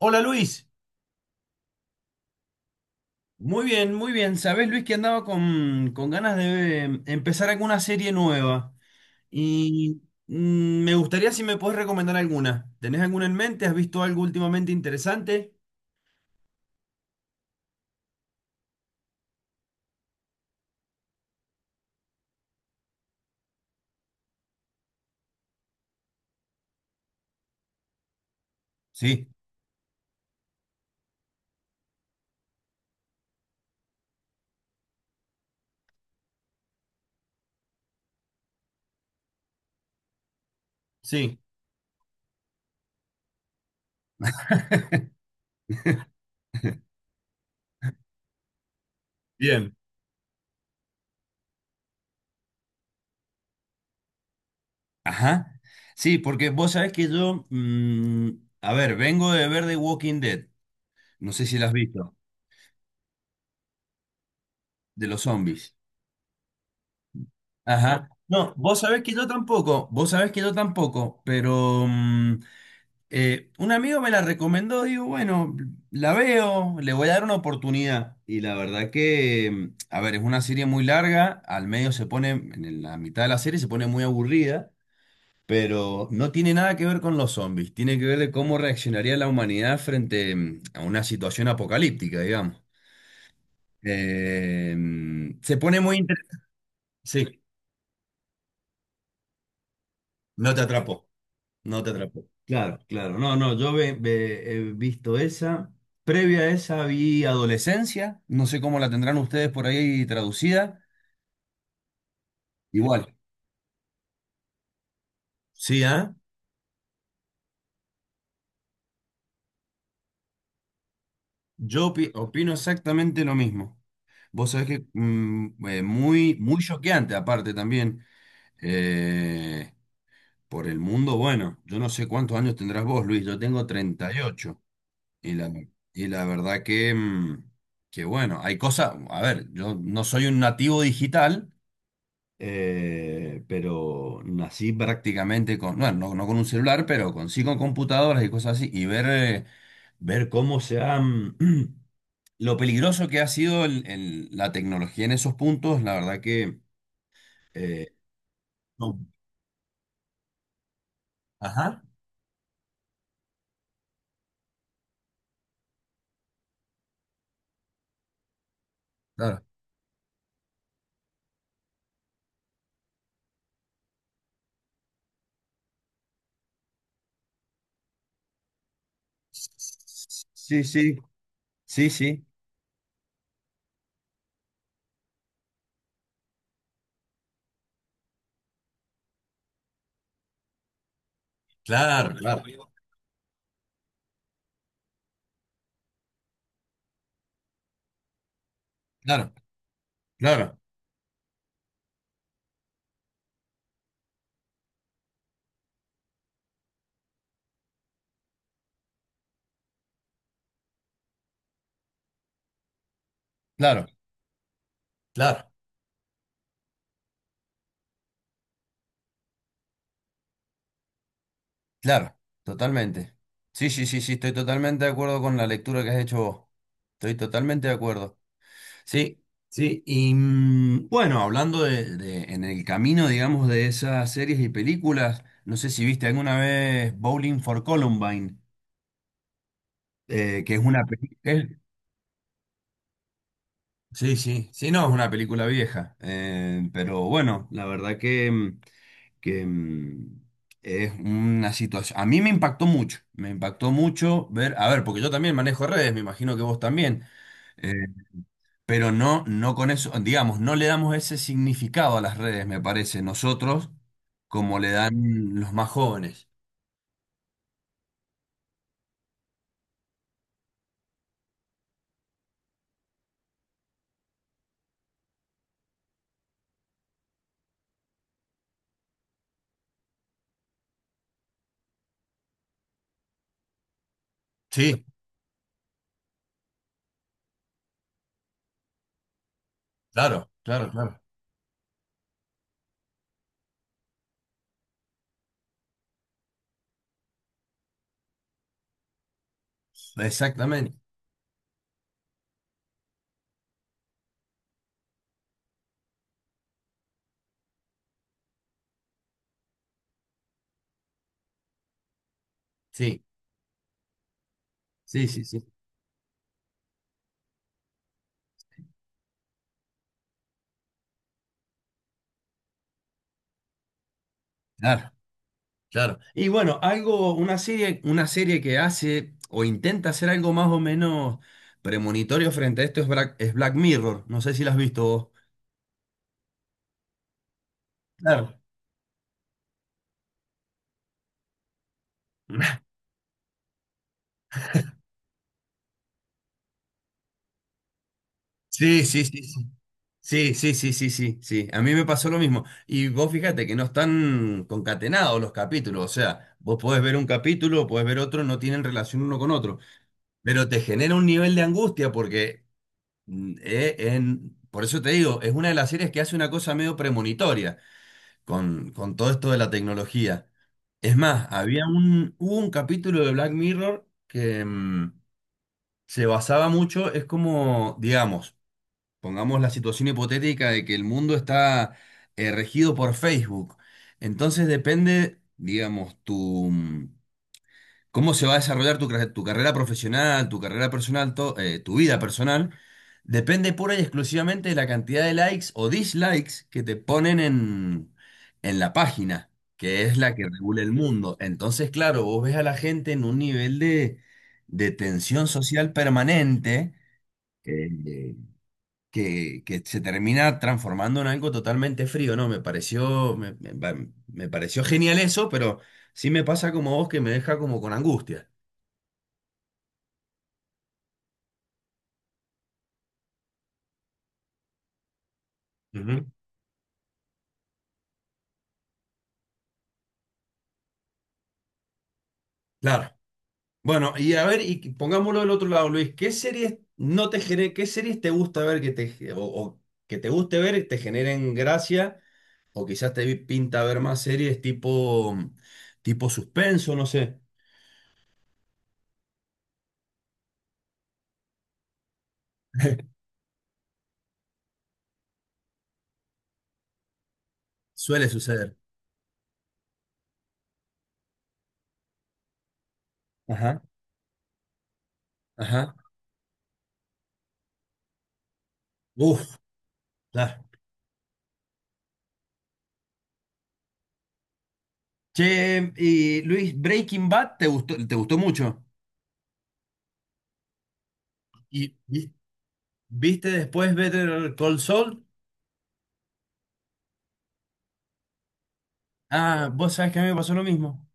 Hola Luis, muy bien, muy bien. Sabés Luis que andaba con ganas de empezar alguna serie nueva y me gustaría si me podés recomendar alguna. ¿Tenés alguna en mente? ¿Has visto algo últimamente interesante? Sí, sí. Bien. Ajá. Sí, porque vos sabés que yo, a ver, vengo de ver The Walking Dead. No sé si la has visto, de los zombies. Ajá. No, vos sabés que yo tampoco, vos sabés que yo tampoco, pero un amigo me la recomendó, digo, bueno, la veo, le voy a dar una oportunidad. Y la verdad que, a ver, es una serie muy larga, al medio se pone, en la mitad de la serie se pone muy aburrida, pero no tiene nada que ver con los zombies, tiene que ver de cómo reaccionaría la humanidad frente a una situación apocalíptica, digamos. Se pone muy interesante. Sí, no te atrapó. No te atrapó. Claro, claro. No, no, yo he visto esa. Previa a esa vi Adolescencia. No sé cómo la tendrán ustedes por ahí traducida. Igual. Sí, ¿ah? Yo opino exactamente lo mismo. Vos sabés que muy, muy choqueante, aparte también. eh, por el mundo, bueno, yo no sé cuántos años tendrás vos, Luis. Yo tengo 38. Y ocho. Y y la verdad que, que bueno, hay cosas. A ver, yo no soy un nativo digital. Pero nací prácticamente con, bueno, no, no con un celular, pero con, sí con computadoras y cosas así, y ver cómo se han, lo peligroso que ha sido la tecnología en esos puntos, la verdad que... eh, no. Ajá, claro. Sí, sí, sí, sí. Claro, claro, claro, claro, claro, claro, claro, totalmente. Sí, sí, sí, sí, estoy totalmente de acuerdo con la lectura que has hecho vos. Estoy totalmente de acuerdo. Sí, sí. Y bueno, hablando de en el camino, digamos, de esas series y películas, no sé si viste alguna vez Bowling for Columbine, que es una película... Sí, sí, sí, no, es una película vieja. Pero bueno, la verdad que, que mm, es una situación... A mí me impactó mucho ver, a ver, porque yo también manejo redes, me imagino que vos también. eh, Pero no, no con eso, digamos, no le damos ese significado a las redes, me parece, nosotros, como le dan los más jóvenes. Sí, claro, claro, claro. Exactamente. Sí, sí, sí, sí. Claro, claro. Y bueno, algo, una serie que hace o intenta hacer algo más o menos premonitorio frente a esto es Black Mirror. No sé si la has visto vos. Claro. Sí, sí, sí, sí. Sí, sí, sí, sí, sí, sí. A mí me pasó lo mismo. Y vos fíjate que no están concatenados los capítulos. O sea, vos podés ver un capítulo, podés ver otro, no tienen relación uno con otro. Pero te genera un nivel de angustia porque, por eso te digo, es una de las series que hace una cosa medio premonitoria con todo esto de la tecnología. Es más, había un, hubo un capítulo de Black Mirror que se basaba mucho, es como, digamos, pongamos la situación hipotética de que el mundo está regido por Facebook. Entonces depende, digamos, tu cómo se va a desarrollar tu, tu carrera profesional, tu carrera personal, tu vida personal. Depende pura y exclusivamente de la cantidad de likes o dislikes que te ponen en la página, que es la que regula el mundo. Entonces, claro, vos ves a la gente en un nivel de tensión social permanente. eh, que se termina transformando en algo totalmente frío, ¿no? Me pareció, me pareció genial eso, pero sí me pasa como vos que me deja como con angustia. Ujú. Claro. Bueno, y a ver, y pongámoslo del otro lado, Luis, ¿qué series no te qué series te gusta ver que te, o que te guste ver y te generen gracia? O quizás te pinta ver más series tipo, tipo suspenso, no sé. Suele suceder. Ajá, ajá. Uf, claro. Che, y Luis, Breaking Bad, te gustó mucho? ¿Y viste después Better Call Saul? Ah, vos sabés que a mí me pasó lo mismo.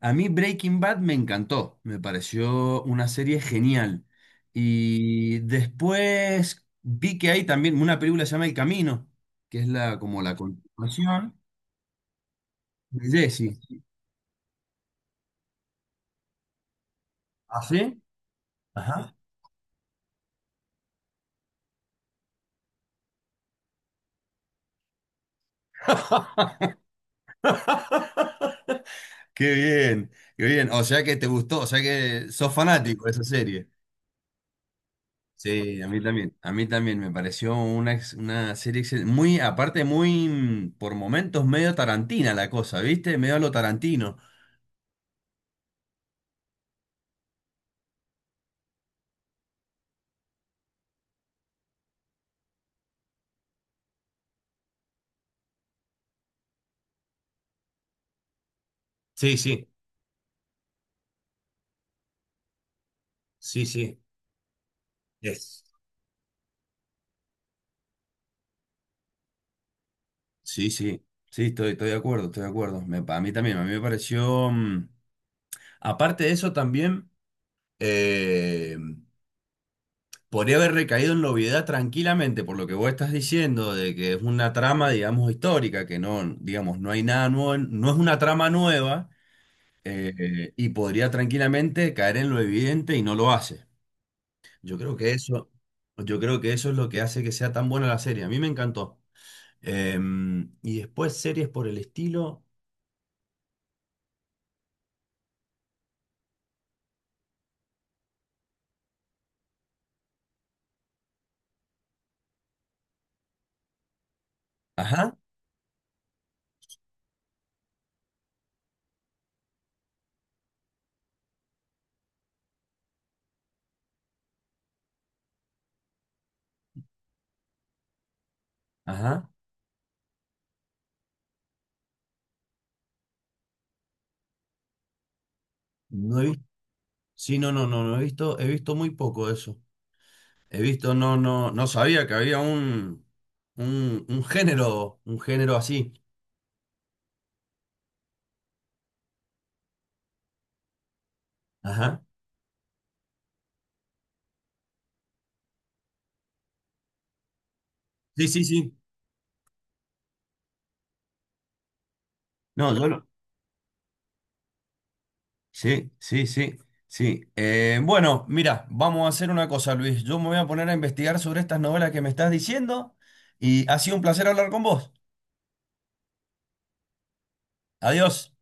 A mí Breaking Bad me encantó, me pareció una serie genial. Y después vi que hay también una película que se llama El Camino, que es la como la continuación de Jesse. ¿Ah, sí? Ajá. Qué bien, qué bien. O sea que te gustó, o sea que sos fanático de esa serie. Sí, a mí también. A mí también me pareció una, una serie muy, aparte, muy por momentos medio tarantina la cosa, ¿viste? Medio a lo tarantino. Sí, sí, sí, sí. Es. Sí, sí, sí, estoy, estoy de acuerdo, estoy de acuerdo. A mí también, a mí me pareció. Aparte de eso, también eh, podría haber recaído en la obviedad tranquilamente, por lo que vos estás diciendo, de que es una trama, digamos, histórica, que no, digamos, no hay nada nuevo, no es una trama nueva. Y podría tranquilamente caer en lo evidente y no lo hace. Yo creo que eso, yo creo que eso es lo que hace que sea tan buena la serie. A mí me encantó. Y después series por el estilo. Ajá, ajá. No he visto. Sí, no, no, no, no he visto, he visto muy poco de eso. He visto, no, no, no sabía que había un género así. Ajá. Sí, sí, sí. No, yo sí, sí, sí, sí. Bueno, mira, vamos a hacer una cosa, Luis. Yo me voy a poner a investigar sobre estas novelas que me estás diciendo y ha sido un placer hablar con vos. Adiós.